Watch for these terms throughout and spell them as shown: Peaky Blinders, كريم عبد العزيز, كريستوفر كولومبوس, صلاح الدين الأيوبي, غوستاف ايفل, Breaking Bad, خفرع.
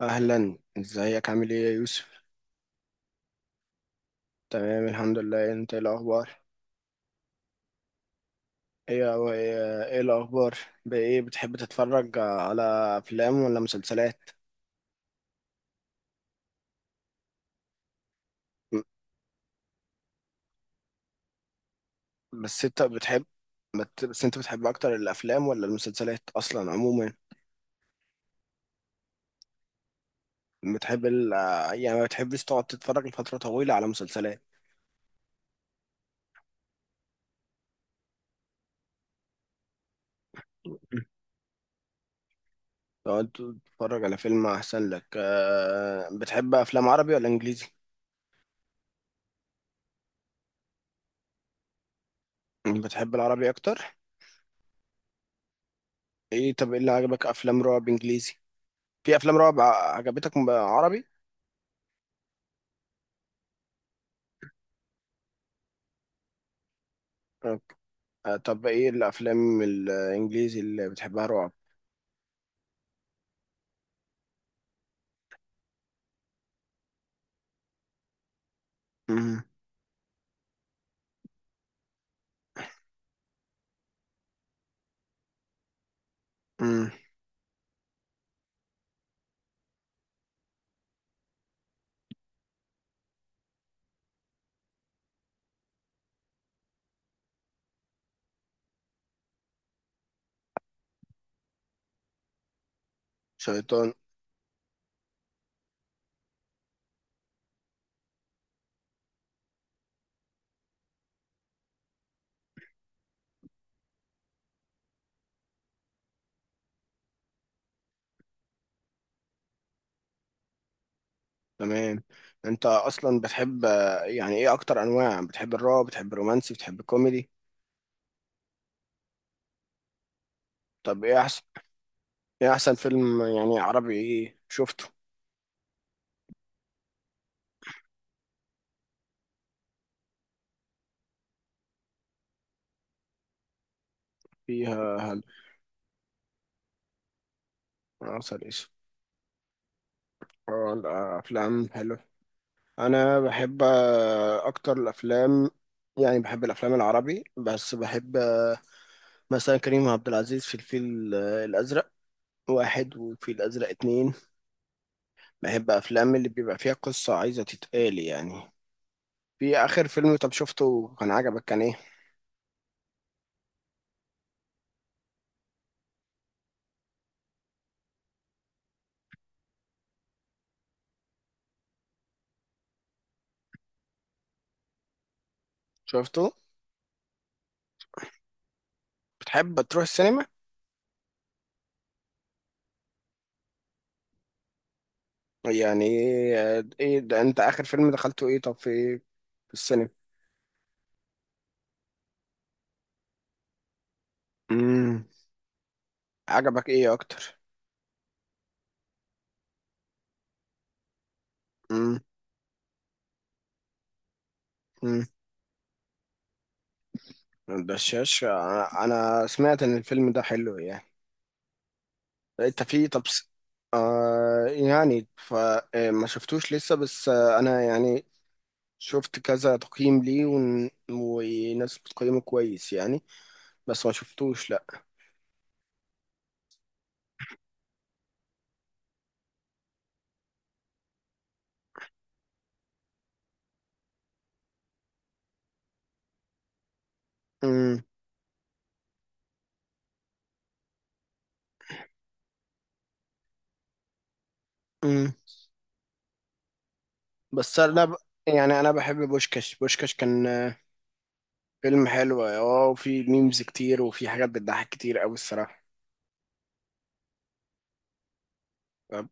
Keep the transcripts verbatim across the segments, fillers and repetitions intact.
اهلا، ازيك؟ عامل ايه يا يوسف؟ تمام، الحمد لله. انت ايه الاخبار؟ ايه هو- ايه إيه الاخبار؟ بايه بتحب تتفرج على افلام ولا مسلسلات؟ م- بس انت بتحب بت- بس انت بتحب اكتر الافلام ولا المسلسلات اصلا عموما؟ بتحب ال... يعني ما بتحبش تقعد تتفرج لفترة طويلة على مسلسلات؟ تقعد تتفرج على فيلم احسن لك. آه، بتحب افلام عربي ولا انجليزي؟ بتحب العربي اكتر؟ ايه، طب ايه اللي عجبك؟ افلام رعب انجليزي؟ في افلام رعب ع- عجبتك م- عربي؟ آه، طب ايه الافلام الانجليزي اللي بتحبها رعب؟ مم. مم. شيطان؟ تمام. انت اصلا بتحب آه، يعني ايه اكتر انواع؟ بتحب الرعب؟ بتحب الرومانسي؟ بتحب الكوميدي؟ طب ايه احسن؟ ايه احسن فيلم يعني عربي، ايه شفته؟ فيها هل؟ عسل اسود؟ آه. الافلام حلو. انا بحب آه، اكتر الافلام. يعني بحب الافلام العربي، بس بحب آه، مثلا كريم عبد العزيز في الفيل آه، الأزرق واحد، وفي الأزرق اتنين. بحب أفلام اللي بيبقى فيها قصة عايزة تتقال يعني. في آخر فيلم طب شفته كان عجبك كان إيه؟ شفته؟ بتحب تروح السينما؟ يعني، آه، إيه ده، أنت آخر فيلم دخلته إيه طب؟ في إيه في السينما؟ امم. عجبك إيه أكتر؟ امم. امم. الدشاش آه، أنا سمعت إن الفيلم ده حلو يعني. أنت في طب س- آه يعني فما شفتوش لسه، بس آه انا يعني شفت كذا تقييم ليه ون... وناس بتقيمه كويس يعني. بس ما شفتوش، لا. امم. امم. بس انا ب... يعني انا بحب بوشكاش. بوشكاش كان آه، فيلم حلو. اه، وفي ميمز كتير، وفي حاجات بتضحك كتير قوي الصراحة. طب.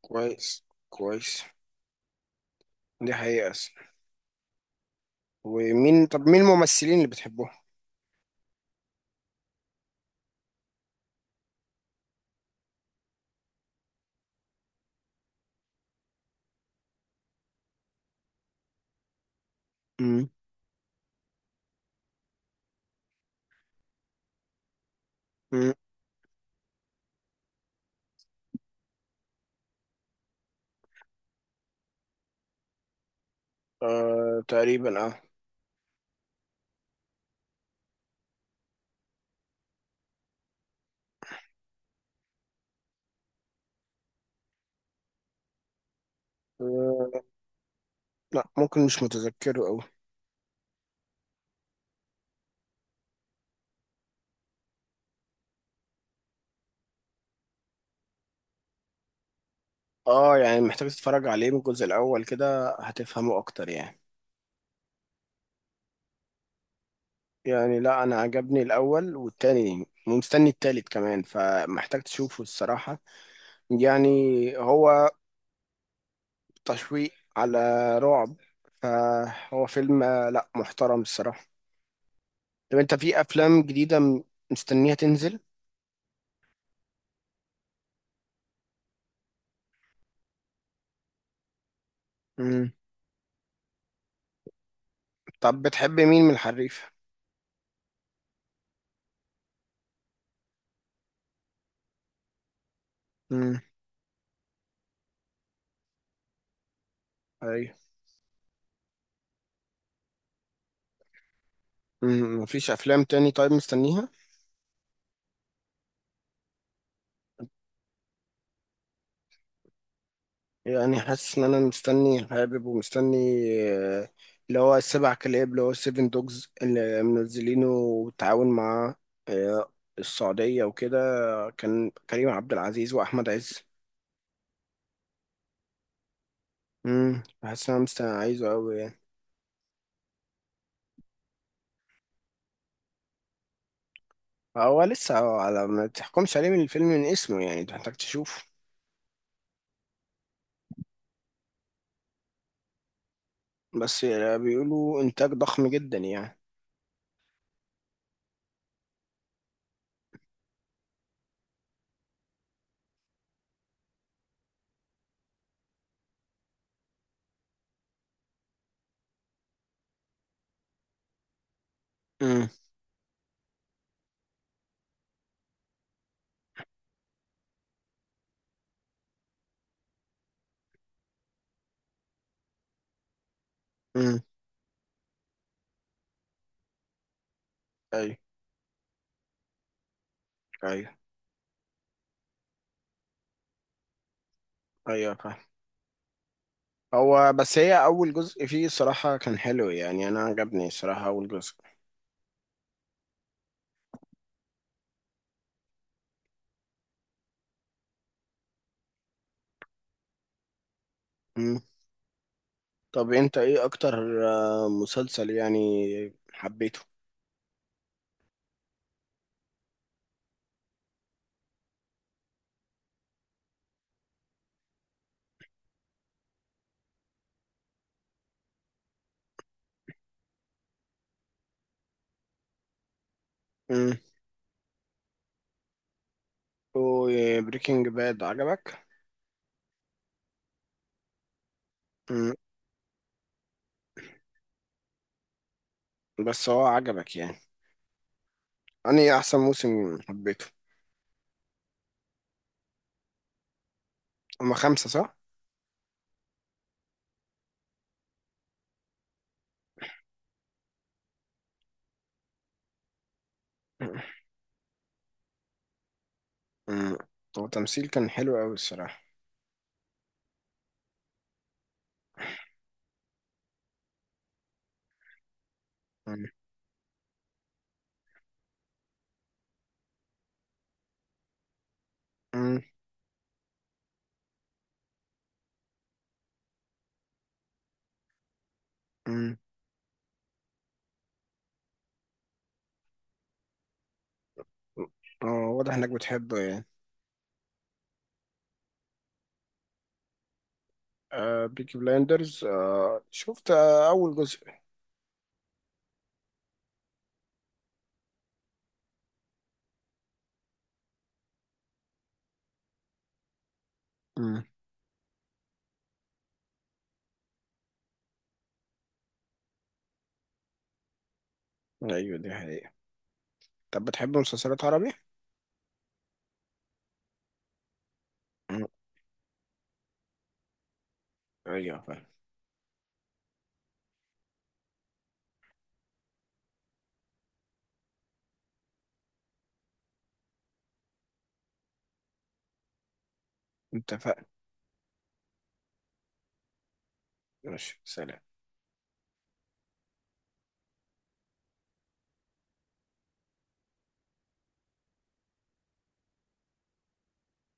كويس. كويس. دي حقيقة أصلاً. ومين طب مين الممثلين اللي بتحبوه؟ امم. امم. آه، تقريبا، اه. آه، لا، ممكن مش متذكره قوي. اه، يعني محتاج تتفرج عليه من الجزء الاول كده هتفهمه اكتر يعني. يعني لا، انا عجبني الاول والتاني، ومستني التالت كمان، فمحتاج تشوفه الصراحة. يعني. هو. تشويق على رعب. فهو فيلم آه، لا، محترم الصراحة. طب انت في افلام جديدة م- مستنيها تنزل؟ مم. طب بتحب مين من الحريف؟ مم. ايوه. مم. مفيش افلام تاني طيب مستنيها؟ يعني حاسس ان انا مستني، حابب، ومستني آه، اللي هو السبع كلاب، اللي هو سيفن دوجز، اللي منزلينه بالتعاون مع آه، السعودية وكده. كان كريم عبد العزيز واحمد عز. امم حاسس ان انا مستني، عايزه قوي يعني. هو لسه، على ما تحكمش عليه من الفيلم من اسمه يعني، أنت محتاج تشوفه. بس آه، بيقولوا انتاج ضخم جدا يعني. امم. امم. ايوه. ايوه. ايوه، فاهم. هو بس هي اول جزء فيه الصراحه كان حلو، يعني انا عجبني الصراحه اول جزء. مم. طب انت ايه اكتر آه، مسلسل يعني حبيته؟ امم. بريكنج باد عجبك؟ مم. بس هو عجبك يعني؟ انا احسن موسم حبيته. هما خمسة صح؟ مم. هو تمثيل كان حلو قوي الصراحه. مم. مم. مم. اه. واضح انك بتحبه يعني. آه، بيكي بلايندرز، آه شفت آه اول جزء. مم. ايوه، دي حقيقة. طب بتحب مسلسلات عربي؟ مم. ايوه، فاهم. اتفقنا. ماشي، سلام.